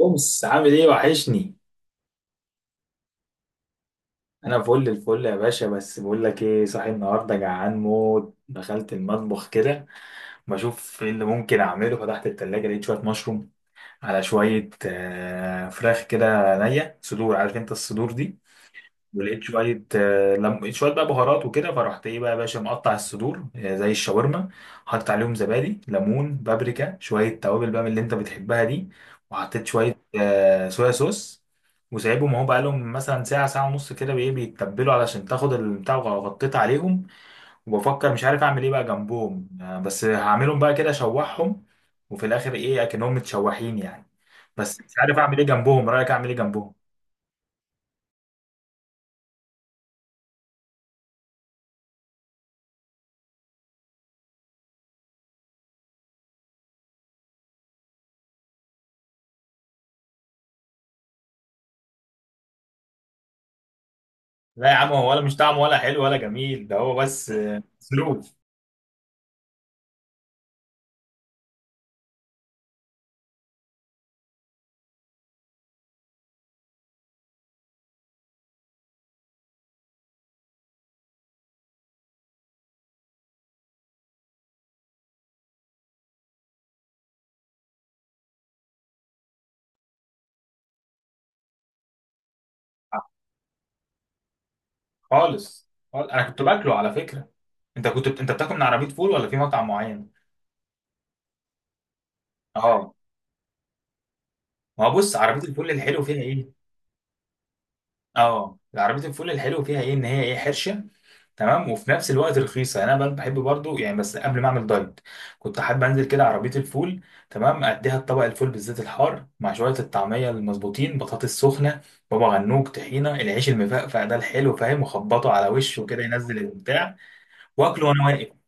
أمس عامل إيه؟ وحشني. أنا فل الفل يا باشا، بس بقول لك إيه، صاحي النهاردة جعان موت، دخلت المطبخ كده بشوف إيه اللي ممكن أعمله. فتحت التلاجة لقيت شوية مشروم على شوية فراخ كده نية، صدور، عارف أنت الصدور دي. ولقيت شوية آه، لم... لقيت شوية بقى بهارات وكده. فرحت ايه بقى يا باشا، مقطع الصدور زي الشاورما، حاطط عليهم زبادي ليمون بابريكا شوية توابل بقى من اللي انت بتحبها دي، وحطيت شوية صويا صوص. وسايبهم اهو، بقالهم مثلا ساعة، ساعة ونص كده، بإيه؟ بيتبلوا علشان تاخد البتاع، وغطيت عليهم. وبفكر مش عارف أعمل إيه بقى جنبهم. بس هعملهم بقى كده، أشوحهم، وفي الآخر إيه، أكنهم متشوحين يعني. بس مش عارف أعمل إيه جنبهم. رأيك أعمل إيه جنبهم؟ لا يا عم، هو ولا مش طعمه ولا حلو ولا جميل، ده هو بس سلوف. خالص خالص. انا كنت باكله على فكره. انت بتاكل من عربيه فول ولا في مطعم معين؟ اه، ما هو بص، عربيه الفول الحلو فيها ايه؟ اه، العربية الفول الحلو فيها ايه؟ ان هي ايه؟ حرشة، تمام، وفي نفس الوقت رخيصة يعني. انا بحب برضو يعني، بس قبل ما اعمل دايت كنت حابب انزل كده عربية الفول، تمام. اديها الطبق الفول بالزيت الحار مع شوية الطعمية المظبوطين، بطاطس سخنة، بابا غنوج، طحينة، العيش المفقفع ده الحلو، فاهم، وخبطه على وشه كده ينزل البتاع، واكله وانا واقف.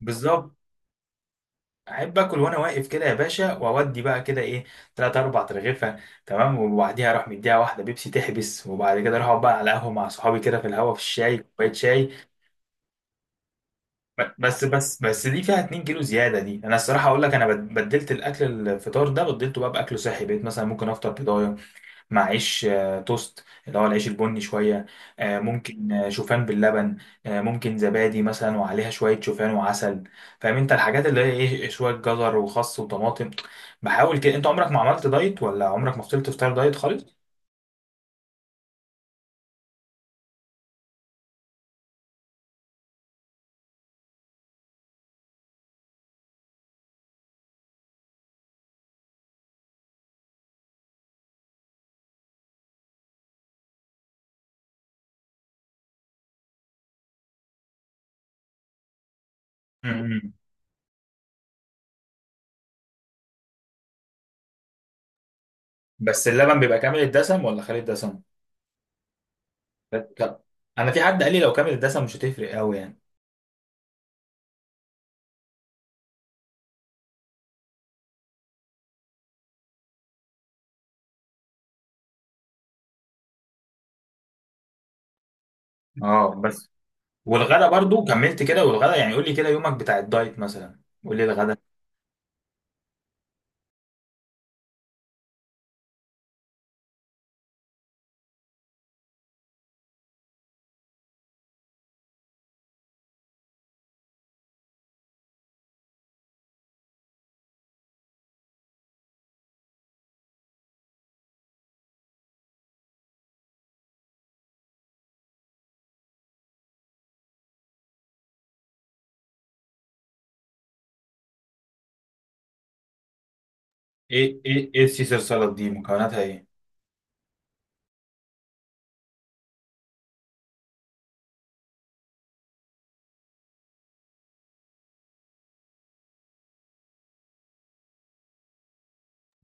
بالظبط، احب اكل وانا واقف كده يا باشا، واودي بقى كده ايه، تلات اربع ترغيفه. تمام، وبعديها اروح مديها واحده بيبسي تحبس، وبعد كده اروح اقعد بقى على قهوه مع صحابي كده في الهوا، في الشاي، كوبايه شاي. بس دي فيها 2 كيلو زياده دي. انا الصراحه اقول لك، انا بدلت الاكل الفطار ده، بدلته بقى باكل صحي. بقيت مثلا ممكن افطر بيضايه مع عيش توست، اللي هو العيش البني شوية، ممكن شوفان باللبن، ممكن زبادي مثلا وعليها شوية شوفان وعسل، فاهم انت، الحاجات اللي هي ايه، شوية جزر وخس وطماطم. بحاول كده. انت عمرك ما عملت دايت، ولا عمرك ما فضلت تفطر دايت خالص؟ امم بس اللبن بيبقى كامل الدسم ولا خالي الدسم؟ لا. انا في حد قال لي لو كامل الدسم مش هتفرق قوي يعني. اه بس. والغدا برضو كملت كده، والغدا يعني، قول لي كده يومك بتاع الدايت مثلا. قول لي الغدا. ايه السيسر سالاد دي مكوناتها ايه؟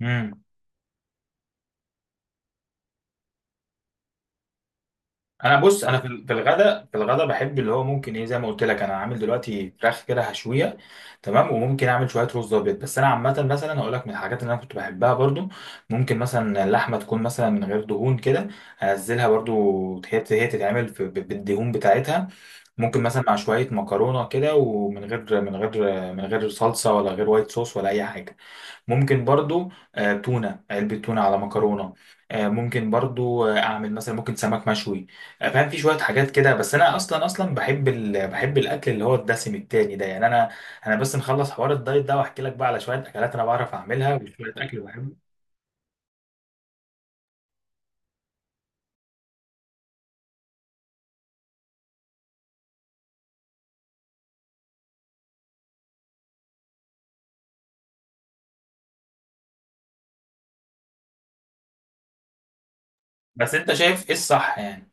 امم انا بص، انا في الغداء بحب اللي هو ممكن ايه، زي ما قلت لك انا عامل دلوقتي فراخ كده، هشويه، تمام. وممكن اعمل شويه رز ابيض. بس انا عامه مثلا هقول لك من الحاجات اللي انا كنت بحبها برضو، ممكن مثلا اللحمه تكون مثلا من غير دهون كده، انزلها برضو، هي هي تتعمل بالدهون بتاعتها. ممكن مثلا مع شوية مكرونة كده، ومن غير من غير من غير صلصة، ولا غير وايت صوص، ولا أي حاجة. ممكن برضو تونة، علبة تونة على مكرونة. ممكن برضو أعمل مثلا ممكن سمك مشوي. فاهم، في شوية حاجات كده. بس أنا أصلا أصلا بحب بحب الأكل اللي هو الدسم التاني ده يعني. أنا بس نخلص حوار الدايت ده، وأحكي لك بقى على شوية أكلات أنا بعرف أعملها، وشوية أكل بحبه. بس أنت شايف إيه الصح يعني؟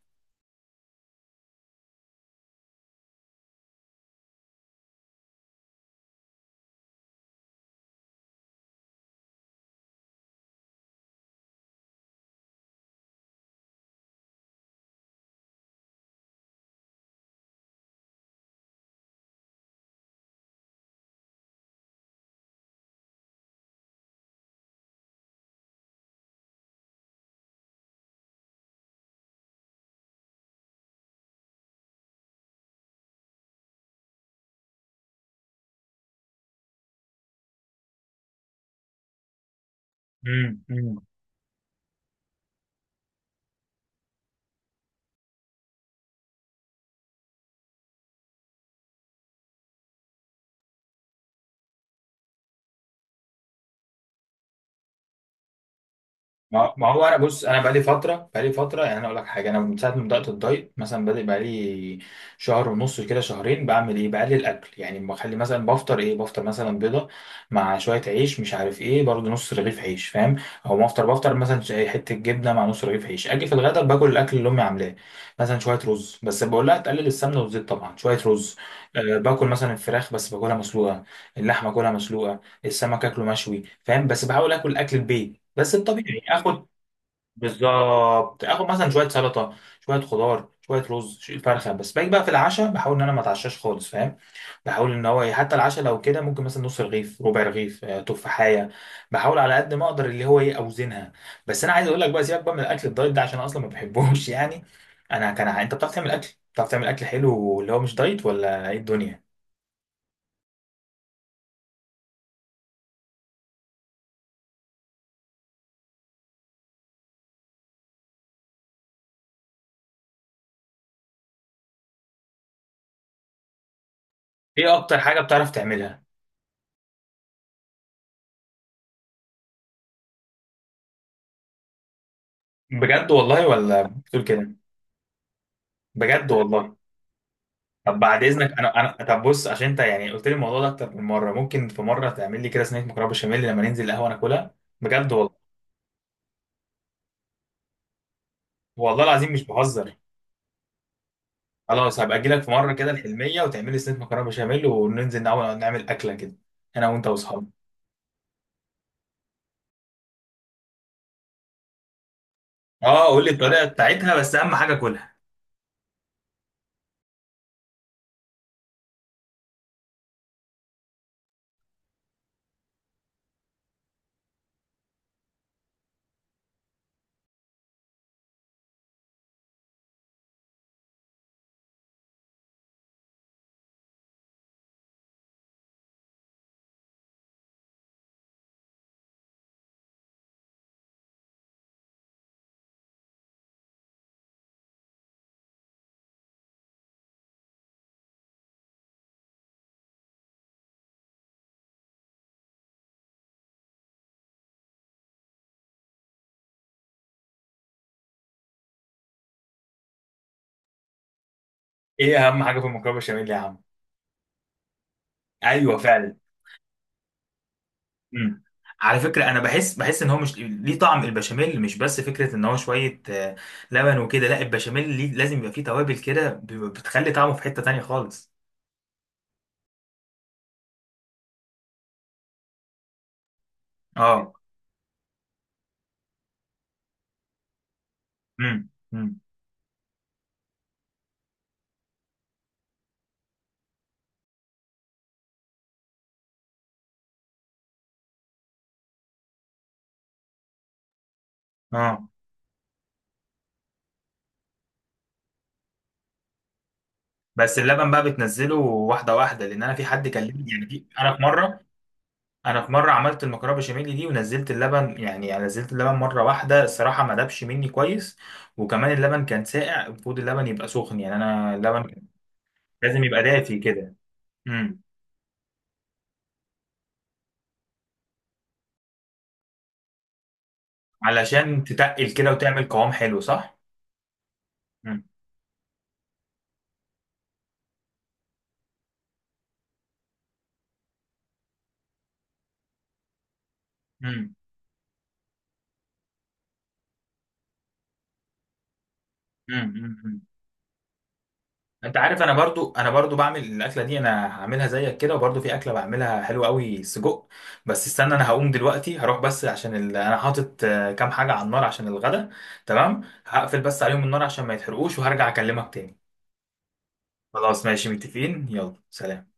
ما هو انا بص، انا بقالي فتره، بقالي فتره يعني، انا اقول لك حاجه. انا من ساعه ما بدات الدايت مثلا، بادئ بقالي شهر ونص كده، شهرين، بعمل ايه؟ بقلل الاكل يعني. بخلي مثلا بفطر ايه، بفطر مثلا بيضه مع شويه عيش، مش عارف ايه، برضه نص رغيف عيش، فاهم. او ما افطر، بفطر مثلا حته جبنه مع نص رغيف عيش. اجي في الغدا باكل الاكل اللي امي عاملاه، مثلا شويه رز، بس بقول لها تقلل السمنه والزيت طبعا، شويه رز. أه، باكل مثلا الفراخ بس باكلها مسلوقه، اللحمه كلها مسلوقه، السمك اكله مشوي، فاهم، بس بحاول اكل اكل البيت بس، الطبيعي، اخد. بالظبط، اخد مثلا شويه سلطه، شويه خضار، شويه رز، شوية فرخه، بس باجي بقى في العشاء بحاول ان انا ما اتعشاش خالص، فاهم. بحاول ان هو إيه، حتى العشاء لو كده ممكن مثلا نص رغيف، ربع رغيف، تفاحيه. بحاول على قد ما اقدر اللي هو ايه، اوزنها. بس انا عايز اقول لك بقى، سيبك بقى من الاكل الدايت ده، عشان أنا اصلا ما بحبوش يعني. انت بتعرف تعمل اكل؟ بتعرف تعمل اكل حلو اللي هو مش دايت ولا ايه الدنيا؟ ايه اكتر حاجه بتعرف تعملها؟ بجد والله، ولا بتقول كده؟ بجد والله؟ طب بعد اذنك، انا انا طب بص، عشان انت يعني قلت لي الموضوع ده اكتر من مره، ممكن في مره تعمل لي كده صينيه مكرونه بشاميل لما ننزل القهوه ناكلها؟ بجد والله. والله العظيم مش بهزر. خلاص، هبقى اجي لك في مره كده الحلميه، وتعمل لي صينيه مكرونه بشاميل، وننزل نعمل اكله كده، انا وانت واصحابي. اه، قول لي الطريقه بتاعتها بس، اهم حاجه كلها. ايه اهم حاجه في المكرونه بشاميل يا عم؟ ايوه فعلا. مم. على فكرة، أنا بحس، إن هو مش ليه طعم البشاميل، مش بس فكرة إن هو شوية لبن وكده، لا، البشاميل ليه لازم يبقى فيه توابل كده، بتخلي طعمه في حتة تانية خالص. أه. مم. مم. أه، بس اللبن بقى بتنزله واحدة واحدة، لأن أنا في حد كلمني يعني، في أنا في مرة أنا في مرة عملت المكرونة بشاميل دي ونزلت اللبن، يعني يعني نزلت اللبن مرة واحدة الصراحة، ما دابش مني كويس. وكمان اللبن كان ساقع، المفروض اللبن يبقى سخن يعني، أنا اللبن لازم يبقى دافي كده. علشان تتقل كده وتعمل قوام حلو، صح؟ مم. مم. مم. مم. مم. انت عارف، انا برضو بعمل الاكله دي، انا هعملها زيك كده، وبرضو في اكله بعملها حلوه قوي، سجق. بس استنى، انا هقوم دلوقتي هروح بس، عشان انا حاطط كام حاجه على النار عشان الغدا، تمام. هقفل بس عليهم النار عشان ما يتحرقوش، وهرجع اكلمك تاني. خلاص ماشي متفقين، يلا سلام.